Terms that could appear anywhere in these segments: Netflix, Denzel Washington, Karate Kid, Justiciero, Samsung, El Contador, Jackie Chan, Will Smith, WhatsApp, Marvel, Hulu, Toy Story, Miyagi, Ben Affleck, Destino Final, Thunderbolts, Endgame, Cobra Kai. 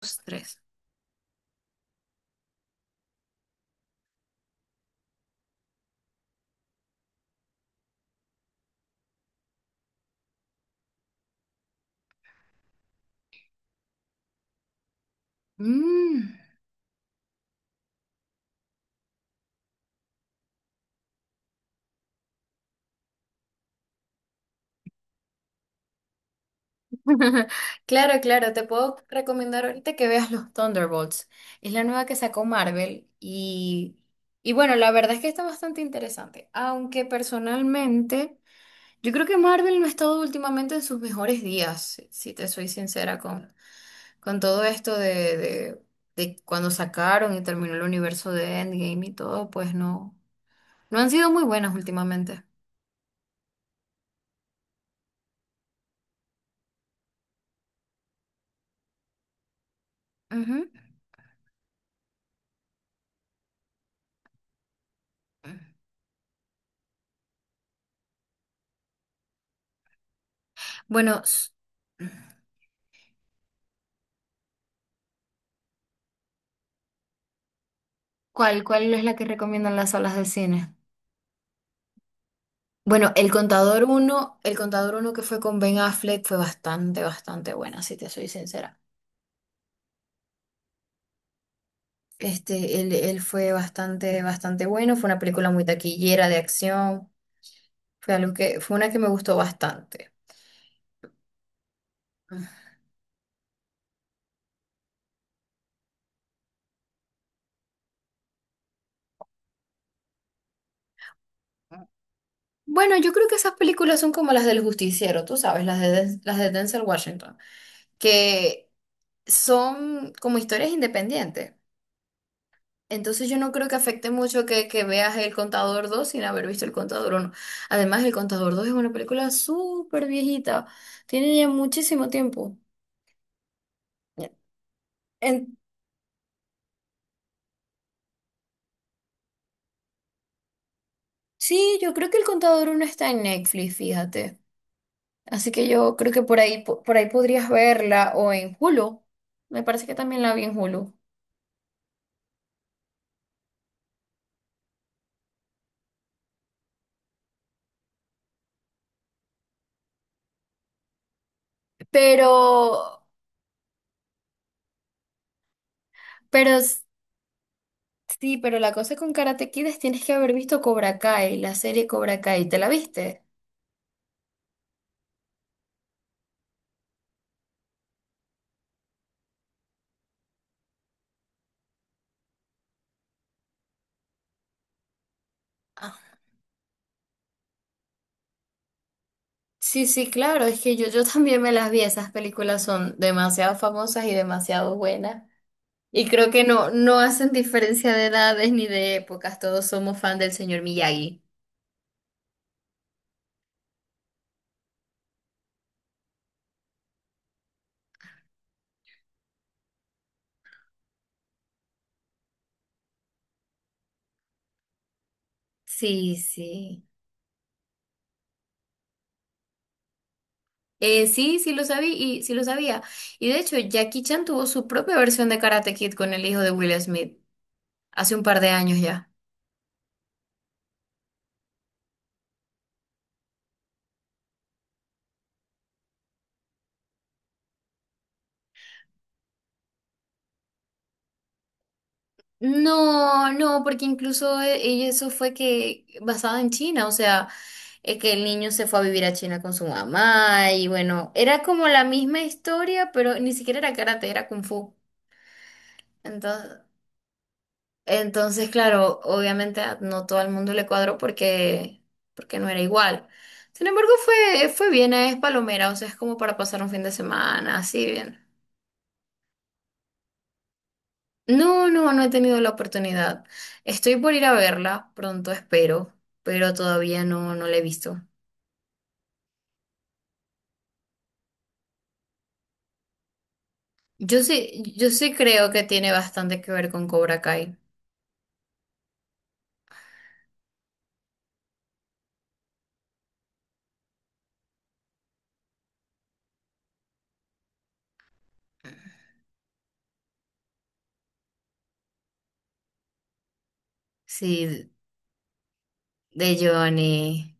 Dos, tres. Mm. Claro, claro, te puedo recomendar ahorita que veas los Thunderbolts. Es la nueva que sacó Marvel y bueno, la verdad es que está bastante interesante, aunque personalmente yo creo que Marvel no ha estado últimamente en sus mejores días, si te soy sincera con todo esto de cuando sacaron y terminó el universo de Endgame y todo, pues no, no han sido muy buenas últimamente. Ujú. Bueno, s- ¿Cuál, cuál es la que recomiendan las salas de cine? Bueno, El Contador uno que fue con Ben Affleck fue bastante, bastante buena, si te soy sincera. Este, él fue bastante, bastante bueno, fue una película muy taquillera de acción, fue una que me gustó bastante. Bueno, yo creo que esas películas son como las del Justiciero, tú sabes, las de Denzel Washington, que son como historias independientes. Entonces yo no creo que afecte mucho que veas El Contador dos sin haber visto El Contador uno. Además, El Contador dos es una película súper viejita. Tiene ya muchísimo tiempo. En- sí, yo creo que El Contador uno está en Netflix, fíjate. Así que yo creo que por ahí, por ahí podrías verla o en Hulu. Me parece que también la vi en Hulu. Pero, pero s- sí, pero la cosa con Karate Kid es tienes que haber visto Cobra Kai, la serie Cobra Kai. ¿Te la viste? Sí, sí, claro, es que yo también me las vi, esas películas son demasiado famosas y demasiado buenas. Y creo que no, no hacen diferencia de edades ni de épocas, todos somos fan del señor Miyagi. Sí, sí. Sí, sí lo sabía y sí lo sabía. Y de hecho, Jackie Chan tuvo su propia versión de Karate Kid con el hijo de Will Smith hace un par de años ya. No, no, porque incluso eso fue que basado en China, o sea, que el niño se fue a vivir a China con su mamá y bueno, era como la misma historia, pero ni siquiera era karate, era kung fu. Entonces, entonces, claro, obviamente no todo el mundo le cuadró porque porque no era igual. Sin embargo, fue bien, es palomera, o sea, es como para pasar un fin de semana, así bien. No, no, no he tenido la oportunidad. Estoy por ir a verla, pronto espero, pero todavía no, no la he visto. Yo sí, yo sí creo que tiene bastante que ver con Cobra Kai. Sí, de Johnny.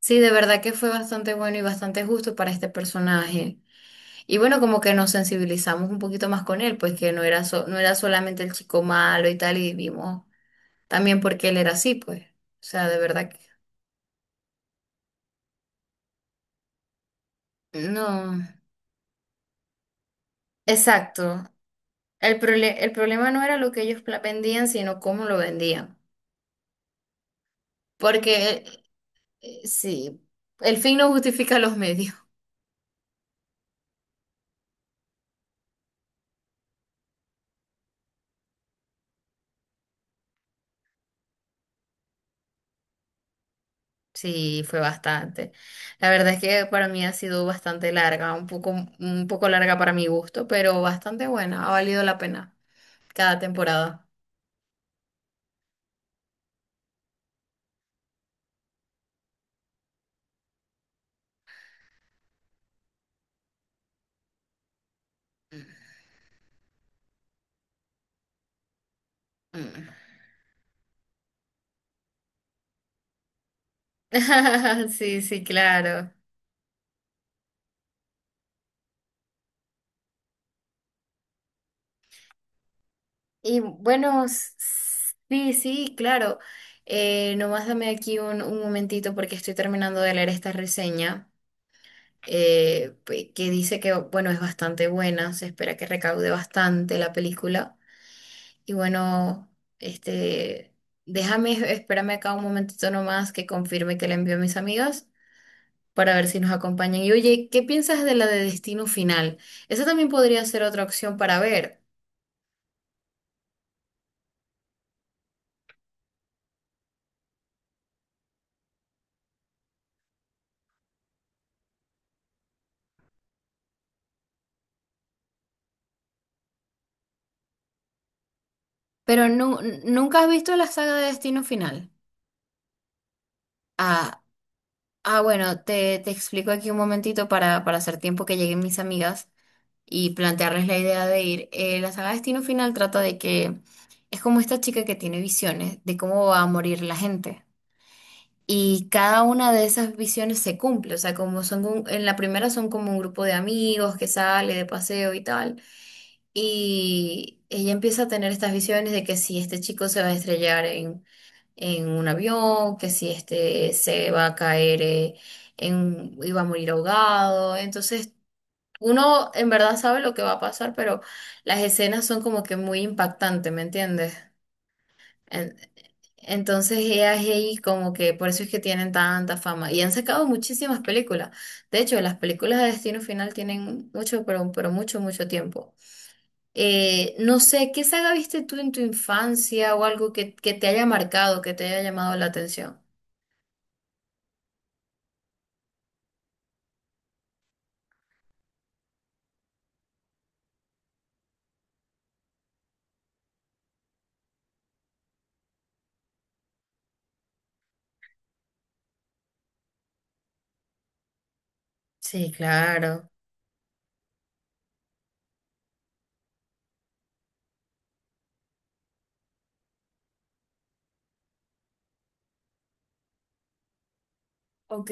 Sí, de verdad que fue bastante bueno y bastante justo para este personaje. Y bueno, como que nos sensibilizamos un poquito más con él, pues que no era no era solamente el chico malo y tal, y vimos también por qué él era así, pues. O sea, de verdad que... No, exacto. El problema no era lo que ellos vendían, sino cómo lo vendían. Porque sí, el fin no justifica los medios. Sí, fue bastante. La verdad es que para mí ha sido bastante larga, un poco larga para mi gusto, pero bastante buena. Ha valido la pena cada temporada. Mm. Sí, sí, claro. Y bueno, s- sí, sí, claro. Nomás dame aquí un momentito porque estoy terminando de leer esta reseña. Que dice que, bueno, es bastante buena, se espera que recaude bastante la película. Y bueno, este, déjame, espérame acá un momentito nomás que confirme que la envío a mis amigas para ver si nos acompañan. Y oye, ¿qué piensas de la de Destino Final? Esa también podría ser otra opción para ver. Nunca has visto la saga de Destino Final. Ah, ah, bueno, te explico aquí un momentito para hacer tiempo que lleguen mis amigas. Y plantearles la idea de ir. La saga Destino Final trata de que es como esta chica que tiene visiones de cómo va a morir la gente. Y cada una de esas visiones se cumple, o sea, como son, en la primera son como un grupo de amigos que sale de paseo y tal, y ella empieza a tener estas visiones de que si este chico se va a estrellar en un avión, que si este se va a caer y va a morir ahogado, entonces uno en verdad sabe lo que va a pasar, pero las escenas son como que muy impactantes, ¿me entiendes? En- entonces ella es ahí como que por eso es que tienen tanta fama y han sacado muchísimas películas. De hecho, las películas de Destino Final tienen mucho, pero mucho, mucho tiempo. No sé, ¿qué saga viste tú en tu infancia o algo que te haya marcado, que te haya llamado la atención? Sí, claro. Ok,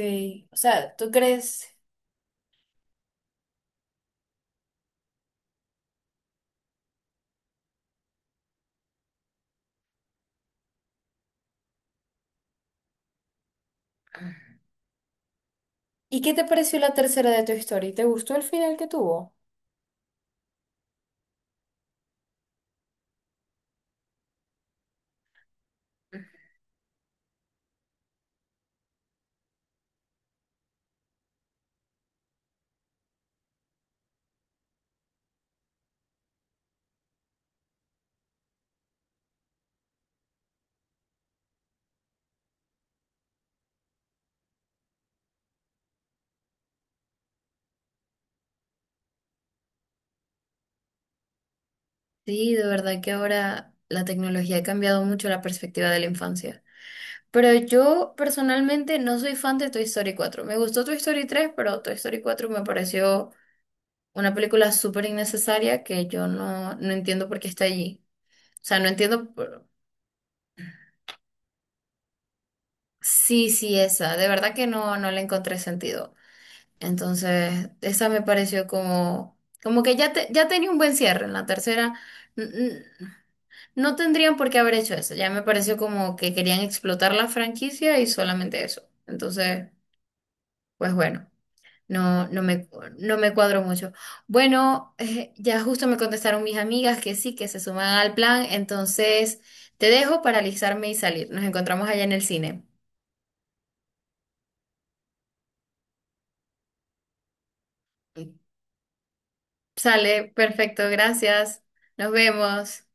o sea, ¿tú crees? ¿Y qué te pareció la tercera de tu historia? ¿Te gustó el final que tuvo? Sí, de verdad que ahora la tecnología ha cambiado mucho la perspectiva de la infancia. Pero yo personalmente no soy fan de Toy Story cuatro. Me gustó Toy Story tres, pero Toy Story cuatro me pareció una película súper innecesaria que yo no, no entiendo por qué está allí. O sea, no entiendo Sí, sí, esa. De verdad que no, no le encontré sentido. Entonces, esa me pareció como, como que ya, ya tenía un buen cierre. En la tercera, n- n- no tendrían por qué haber hecho eso. Ya me pareció como que querían explotar la franquicia y solamente eso. Entonces, pues bueno, no, no me, no me cuadro mucho. Bueno, ya justo me contestaron mis amigas que sí, que se suman al plan. Entonces, te dejo para alisarme y salir. Nos encontramos allá en el cine. Sale, perfecto, gracias. Nos vemos.